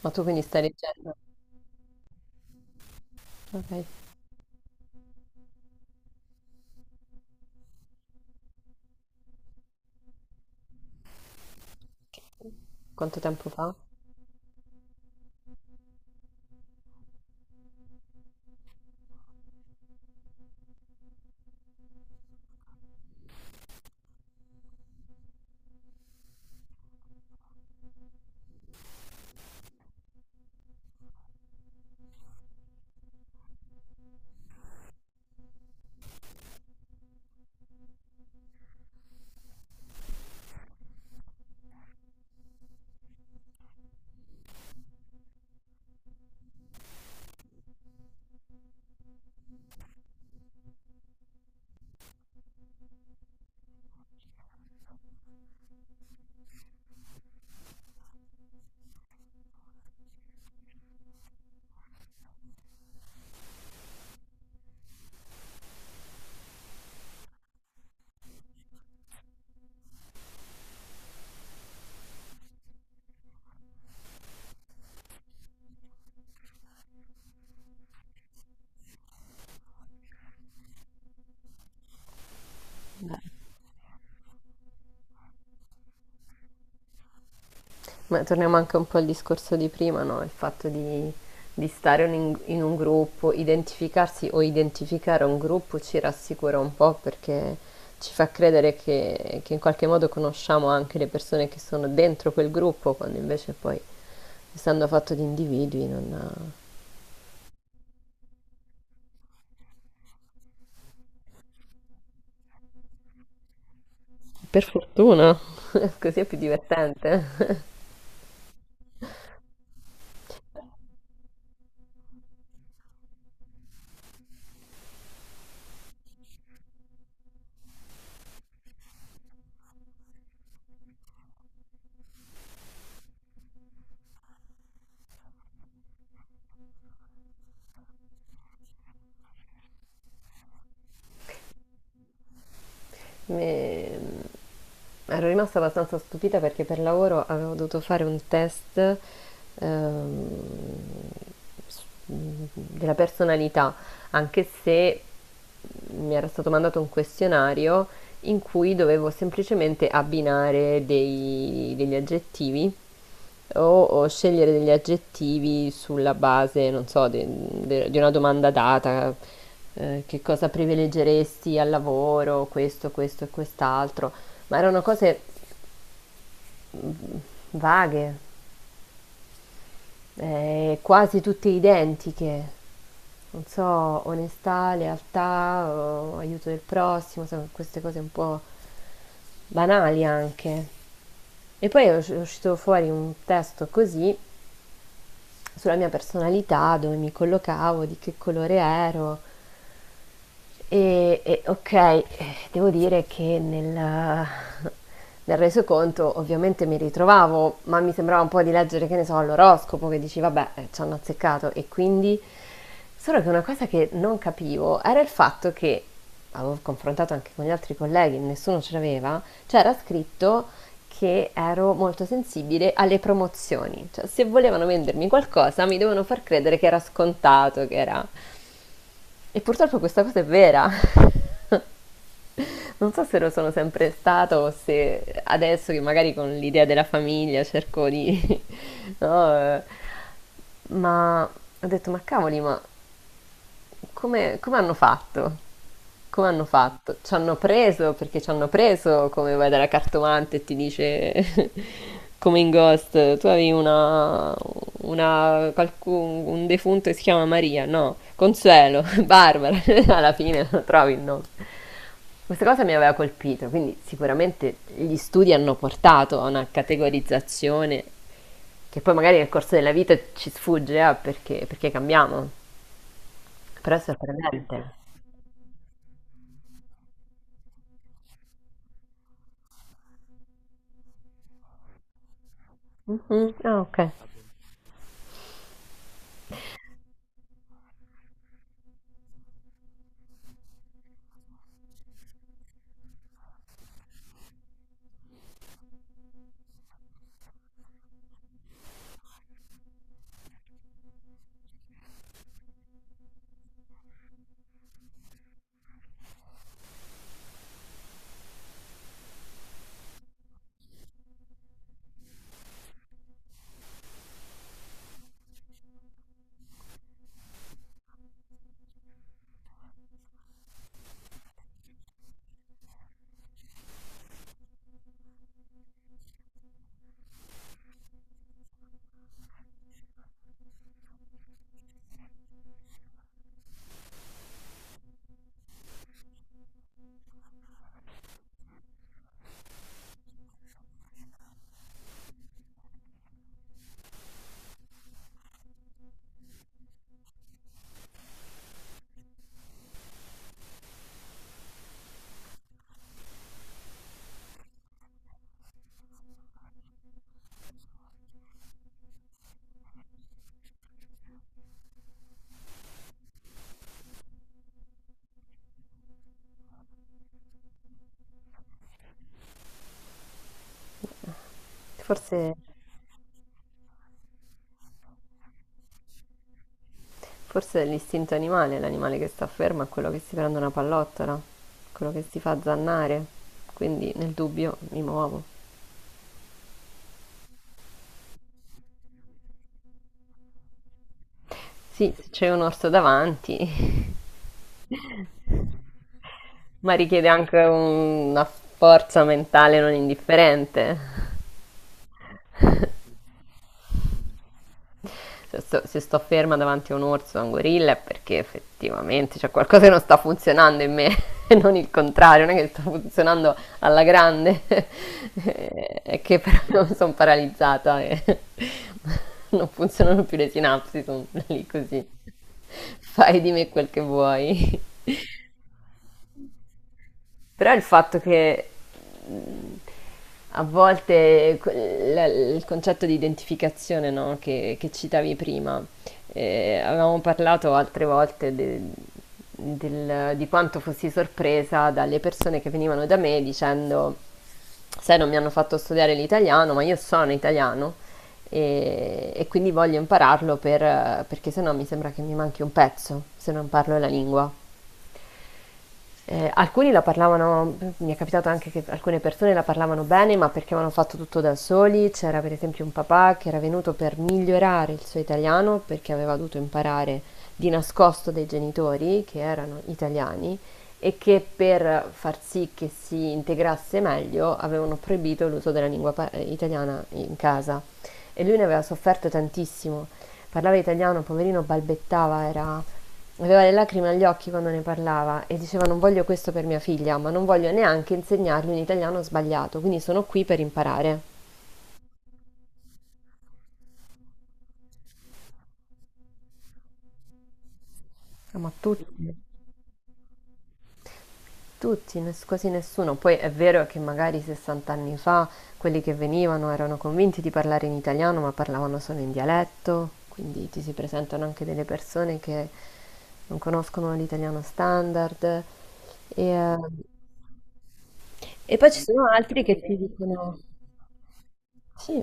Ma tu quindi stai leggendo? Ok, quanto tempo fa? Beh, ma torniamo anche un po' al discorso di prima, no? Il fatto di stare in un gruppo, identificarsi o identificare un gruppo ci rassicura un po' perché ci fa credere che, in qualche modo conosciamo anche le persone che sono dentro quel gruppo, quando invece poi, essendo fatto di individui, non... Per fortuna, così è più divertente. Me- Ero rimasta abbastanza stupita perché per lavoro avevo dovuto fare un test ehm, della personalità, anche se mi era stato mandato un questionario in cui dovevo semplicemente abbinare degli aggettivi o scegliere degli aggettivi sulla base, non so, di una domanda data, che cosa privilegeresti al lavoro, questo e quest'altro, ma erano cose mm, vaghe, quasi tutte identiche. Non so, onestà, lealtà, o aiuto del prossimo, sai, queste cose un po' banali anche. E poi è uscito fuori un testo così sulla mia personalità, dove mi collocavo, di che colore ero, e, ok, devo dire che nel resoconto ovviamente mi ritrovavo, ma mi sembrava un po' di leggere, che ne so, l'oroscopo, che dici, vabbè, ci hanno azzeccato e quindi... Solo che una cosa che non capivo era il fatto che, avevo confrontato anche con gli altri colleghi, nessuno ce l'aveva, c'era scritto che ero molto sensibile alle promozioni. Cioè, se volevano vendermi qualcosa, mi dovevano far credere che era scontato, che era... E purtroppo questa cosa è vera. Non so se lo sono sempre stato o se adesso che magari con l'idea della famiglia cerco di... no? Eh, ma ho detto, ma cavoli, ma come, come hanno fatto? Come hanno fatto? Ci hanno preso perché ci hanno preso, come vai dalla cartomante e ti dice, come in Ghost, tu avevi una, un defunto che si chiama Maria, no, Consuelo, Barbara, alla fine non trovi il nome. Questa cosa mi aveva colpito, quindi sicuramente gli studi hanno portato a una categorizzazione che poi magari nel corso della vita ci sfugge, perché, perché cambiamo. Però è sorprendente. Mhm. Ah, ok. Forse, forse è l'istinto animale, l'animale che sta fermo è quello che si prende una pallottola, quello che si fa zannare. Quindi nel dubbio mi muovo. Sì, se c'è un orso davanti, ma richiede anche una forza mentale non indifferente. Se sto ferma davanti a un orso o a un gorilla è perché effettivamente c'è qualcosa che non sta funzionando in me e non il contrario, non è che sta funzionando alla grande, è che però sono paralizzata e non funzionano più le sinapsi, sono lì così. Fai di me quel che vuoi. Però il fatto che mh, a volte il concetto di identificazione, no, che, citavi prima, avevamo parlato altre volte di quanto fossi sorpresa dalle persone che venivano da me dicendo, sai, non mi hanno fatto studiare l'italiano, ma io sono italiano e quindi voglio impararlo perché sennò mi sembra che mi manchi un pezzo se non parlo la lingua. Alcuni la parlavano, mi è capitato anche che alcune persone la parlavano bene, ma perché avevano fatto tutto da soli. C'era per esempio un papà che era venuto per migliorare il suo italiano perché aveva dovuto imparare di nascosto dai genitori che erano italiani e che per far sì che si integrasse meglio avevano proibito l'uso della lingua italiana in casa e lui ne aveva sofferto tantissimo. Parlava italiano, poverino, balbettava, era... Aveva le lacrime agli occhi quando ne parlava e diceva: non voglio questo per mia figlia, ma non voglio neanche insegnargli un italiano sbagliato, quindi sono qui per imparare. Ah, ma tutti, tutti, quasi nessuno. Poi è vero che magari 60 anni fa quelli che venivano erano convinti di parlare in italiano, ma parlavano solo in dialetto, quindi ti si presentano anche delle persone che non conoscono l'italiano standard. E, eh, e poi ci sono altri che ti dicono... Sì,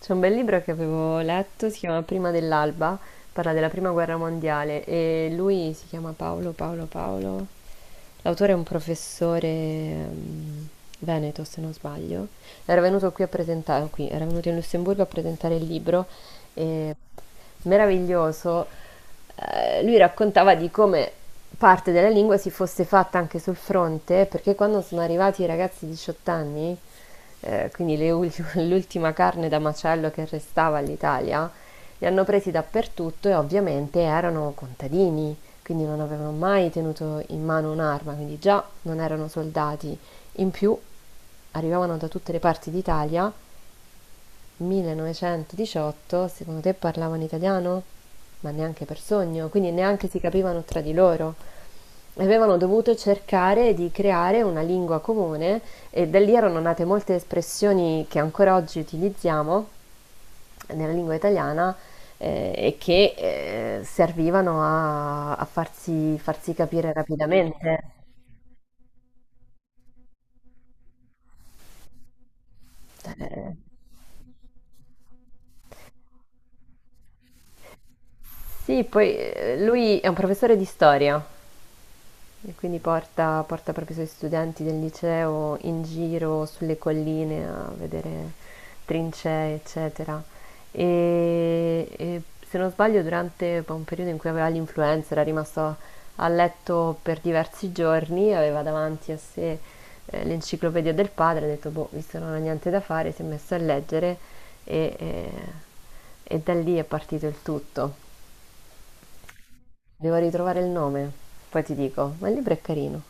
c'è un bel libro che avevo letto, si chiama Prima dell'alba, parla della prima guerra mondiale e lui si chiama Paolo. L'autore è un professore veneto, se non sbaglio. Era venuto qui a presentare, qui, era venuto in Lussemburgo a presentare il libro e... Meraviglioso. Lui raccontava di come parte della lingua si fosse fatta anche sul fronte, perché quando sono arrivati i ragazzi di 18 anni, quindi l'ultima carne da macello che restava all'Italia, li hanno presi dappertutto e ovviamente erano contadini, quindi non avevano mai tenuto in mano un'arma, quindi già non erano soldati. In più arrivavano da tutte le parti d'Italia. 1918, secondo te parlavano italiano? Ma neanche per sogno, quindi neanche si capivano tra di loro. Avevano dovuto cercare di creare una lingua comune e da lì erano nate molte espressioni che ancora oggi utilizziamo nella lingua italiana, e che servivano a, a farsi capire rapidamente. Eh, sì, poi lui è un professore di storia, e quindi porta proprio i suoi studenti del liceo in giro sulle colline a vedere trincee, eccetera. E se non sbaglio durante un periodo in cui aveva l'influenza, era rimasto a letto per diversi giorni, aveva davanti a sé, l'enciclopedia del padre, ha detto: "Boh, visto che non ha niente da fare", si è messo a leggere e ehm, e da lì è partito il tutto. Devo ritrovare il nome, poi ti dico, ma il libro è carino.